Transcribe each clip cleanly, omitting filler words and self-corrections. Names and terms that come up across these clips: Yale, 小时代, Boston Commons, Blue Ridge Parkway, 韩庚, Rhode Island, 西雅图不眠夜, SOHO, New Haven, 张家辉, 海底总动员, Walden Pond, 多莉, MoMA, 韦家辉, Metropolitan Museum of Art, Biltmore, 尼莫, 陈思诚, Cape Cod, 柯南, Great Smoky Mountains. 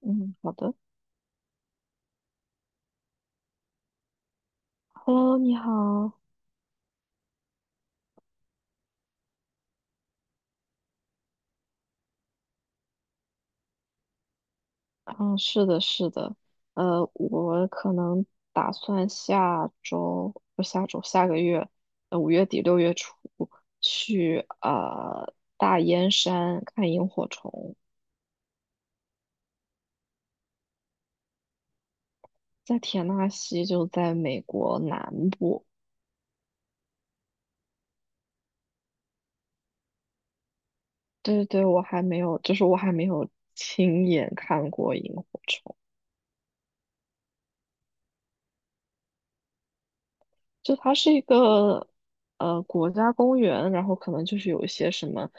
嗯，好的。Hello，你好。嗯，是的，是的。我可能打算下周，不，下周，下个月，5月底6月初去大燕山看萤火虫，在田纳西，就在美国南部。对对对，我还没有，就是我还没有亲眼看过萤火虫。就它是一个国家公园，然后可能就是有一些什么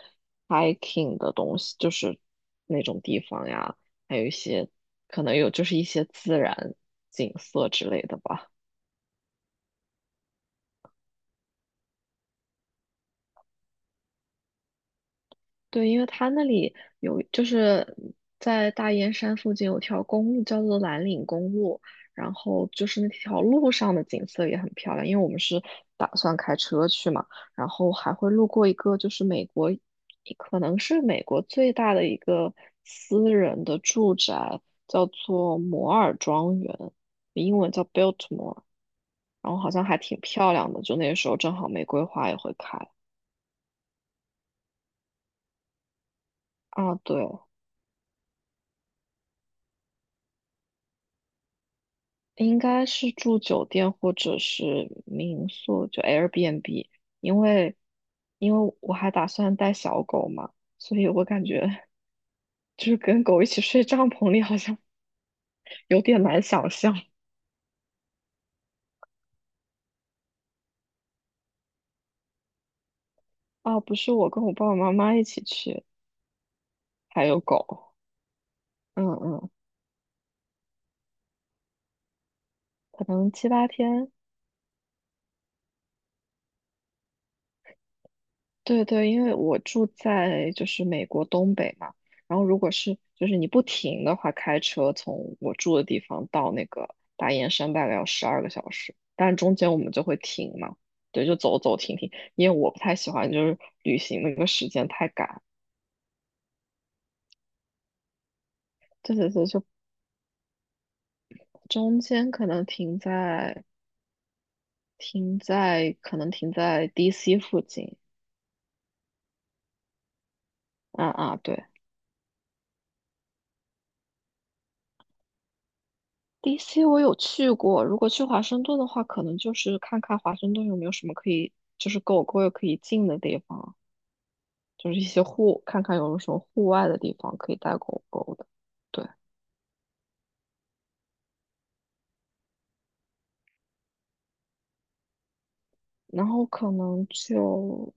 hiking 的东西，就是那种地方呀，还有一些可能有就是一些自然景色之类的吧。对，因为它那里有，就是在大燕山附近有条公路叫做蓝岭公路，然后就是那条路上的景色也很漂亮，因为我们是打算开车去嘛，然后还会路过一个就是美国，可能是美国最大的一个私人的住宅，叫做摩尔庄园，英文叫 Biltmore，然后好像还挺漂亮的，就那时候正好玫瑰花也会开啊，对。应该是住酒店或者是民宿，就 Airbnb，因为因为我还打算带小狗嘛，所以我感觉 就是跟狗一起睡帐篷里好像 有点难想象。啊。不是我跟我爸爸妈妈一起去，还有狗。嗯嗯，可能七八天。对对，因为我住在就是美国东北嘛，然后如果是就是你不停的话，开车从我住的地方到那个大雁山大概要12个小时，但中间我们就会停嘛，对，就走走停停，因为我不太喜欢就是旅行那个时间太赶，对对对，就中间可能停在 DC 附近，啊啊，对。DC 我有去过，如果去华盛顿的话，可能就是看看华盛顿有没有什么可以，就是狗狗也可以进的地方，就是一些户，看看有没有什么户外的地方可以带狗狗的。对，然后可能就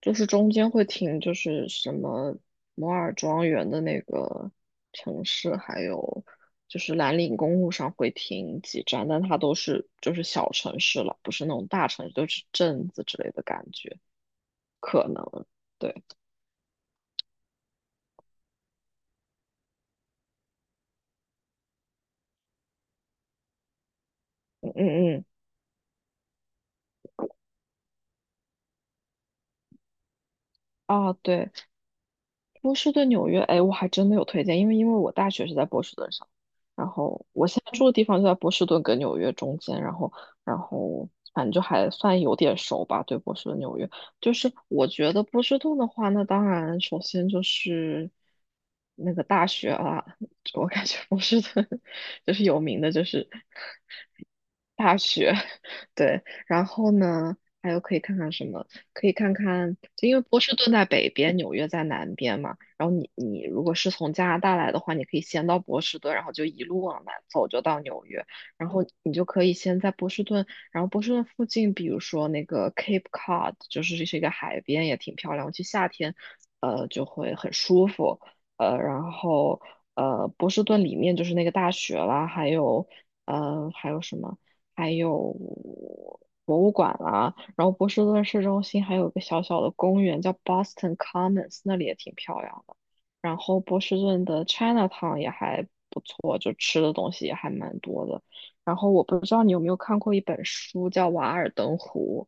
就是中间会停，就是什么摩尔庄园的那个城市，还有就是蓝岭公路上会停几站，但它都是就是小城市了，不是那种大城市，都是镇子之类的感觉，可能。对。嗯嗯。啊，对，波士顿、纽约，哎，我还真的有推荐，因为我大学是在波士顿上，然后我现在住的地方就在波士顿跟纽约中间，然后反正就还算有点熟吧，对波士顿、纽约，就是我觉得波士顿的话，那当然首先就是那个大学啊，我感觉波士顿 就是有名的，就是大学，对，然后呢，还有可以看看什么？可以看看，就因为波士顿在北边，纽约在南边嘛。然后你如果是从加拿大来的话，你可以先到波士顿，然后就一路往南走，就到纽约。然后你就可以先在波士顿，然后波士顿附近，比如说那个 Cape Cod，就是是一个海边，也挺漂亮。去夏天，就会很舒服。然后波士顿里面就是那个大学啦，还有还有什么？还有博物馆啦、然后波士顿市中心还有一个小小的公园叫 Boston Commons，那里也挺漂亮的。然后波士顿的 Chinatown 也还不错，就吃的东西也还蛮多的。然后我不知道你有没有看过一本书叫《瓦尔登湖》，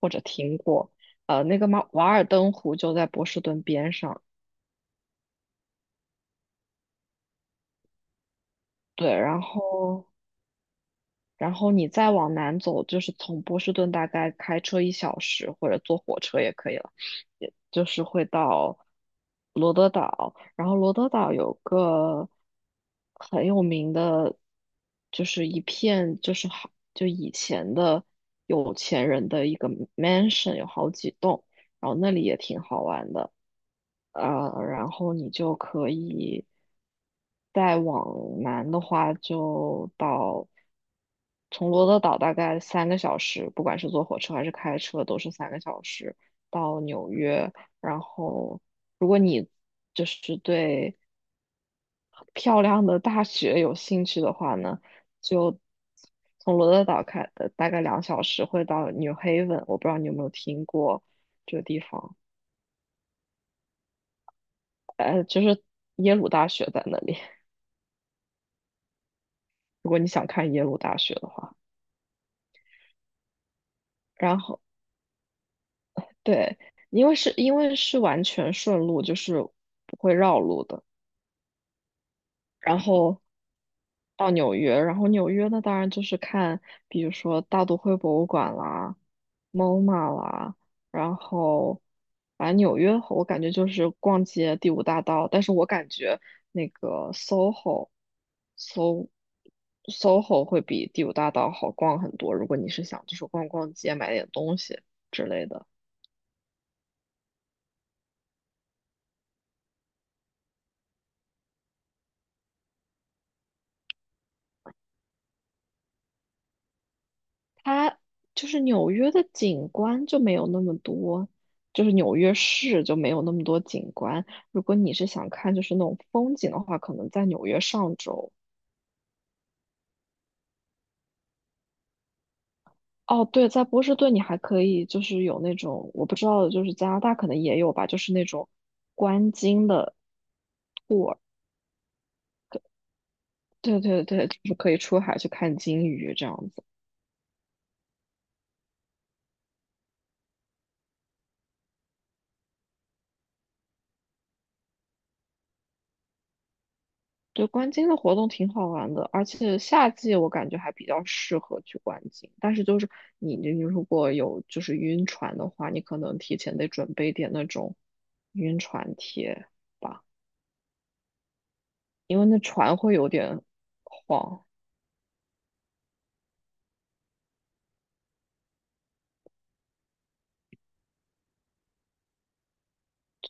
或者听过，那个马瓦尔登湖就在波士顿边上。对，然后。然后你再往南走，就是从波士顿大概开车一小时，或者坐火车也可以了，也就是会到罗德岛。然后罗德岛有个很有名的，就是一片就是好就以前的有钱人的一个 mansion，有好几栋，然后那里也挺好玩的。然后你就可以再往南的话，就到。从罗德岛大概三个小时，不管是坐火车还是开车，都是三个小时到纽约。然后就是对漂亮的大学有兴趣的话呢，就从罗德岛开的大概2小时会到 New Haven，我不知道你有没有听过这个地方，就是耶鲁大学在那里。如果你想看耶鲁大学的话，然后对，因为是因为是完全顺路，就是不会绕路的。然后到纽约，然后纽约呢，当然就是看，比如说大都会博物馆啦、MoMA 啦，然后反正纽约我感觉就是逛街第五大道，但是我感觉那个 SOHO、So SOHO 会比第五大道好逛很多，如果你是想就是逛逛街、买点东西之类的。它就是纽约的景观就没有那么多，就是纽约市就没有那么多景观。如果你是想看就是那种风景的话，可能在纽约上州。哦，对，在波士顿你还可以就是有那种我不知道，就是加拿大可能也有吧，就是那种观鲸的 tour。对对对，就是可以出海去看鲸鱼这样子。对，观鲸的活动挺好玩的，而且夏季我感觉还比较适合去观鲸。但是就是你如果有就是晕船的话，你可能提前得准备点那种晕船贴吧，因为那船会有点晃。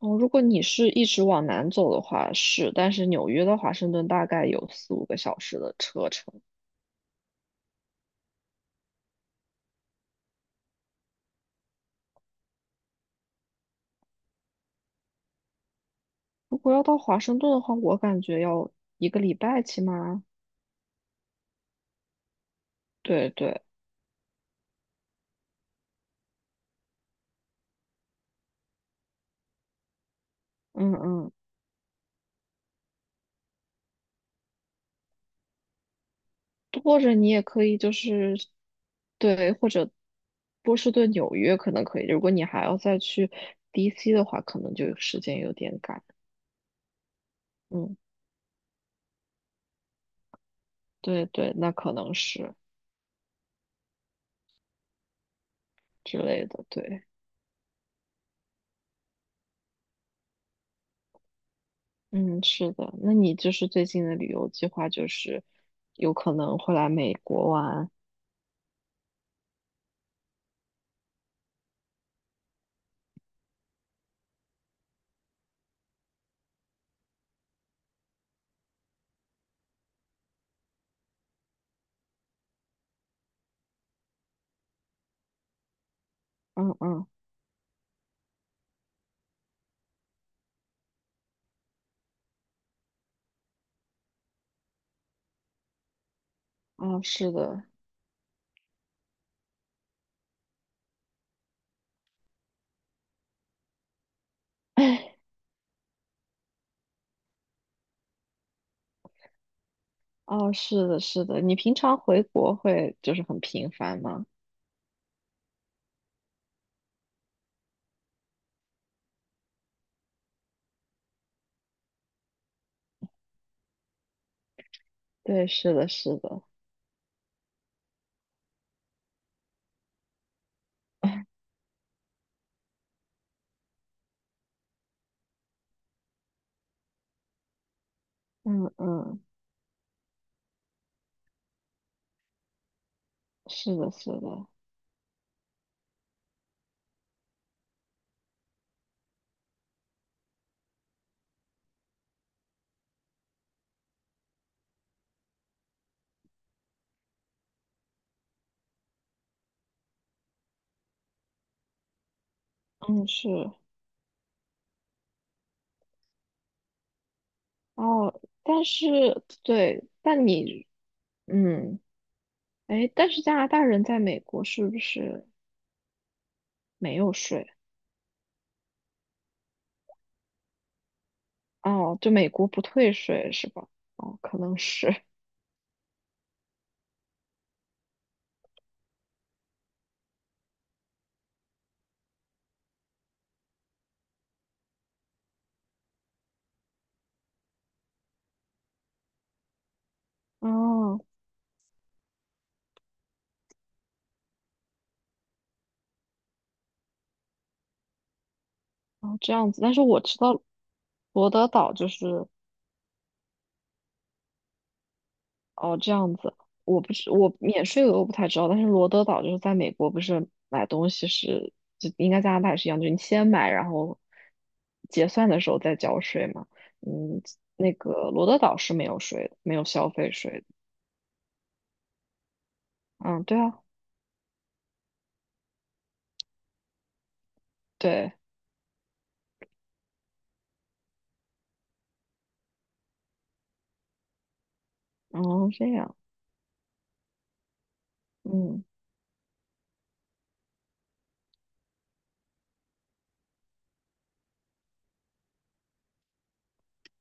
哦，如果你是一直往南走的话是，但是纽约到华盛顿大概有四五个小时的车程。如果要到华盛顿的话，我感觉要一个礼拜起码。对对，嗯嗯。或者你也可以就是，对，或者波士顿、纽约可能可以。如果你还要再去 DC 的话，可能就时间有点赶。嗯，对对，那可能是之类的。对，嗯，是的。那你就是最近的旅游计划就是有可能会来美国玩。嗯嗯，哦，是的，哦，是的，是的。你平常回国会就是很频繁吗？对，是的，是的。嗯嗯，是的，是的。嗯，是。哦，但是对，但你嗯，哎，但是加拿大人在美国是不是没有税？哦，就美国不退税是吧？哦，可能是，哦，哦，这样子。但是我知道罗德岛就是，哦，这样子，我不是我免税额我不太知道，但是罗德岛就是在美国，不是买东西是就应该加拿大也是一样，就是你先买，然后结算的时候再交税嘛。嗯，那个罗德岛是没有税的，没有消费税的。嗯，对啊，对，哦，这样，嗯，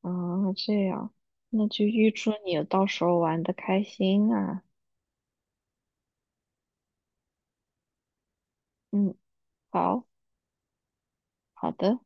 啊，这样，那就预祝你到时候玩的开心啊。嗯，好，好的。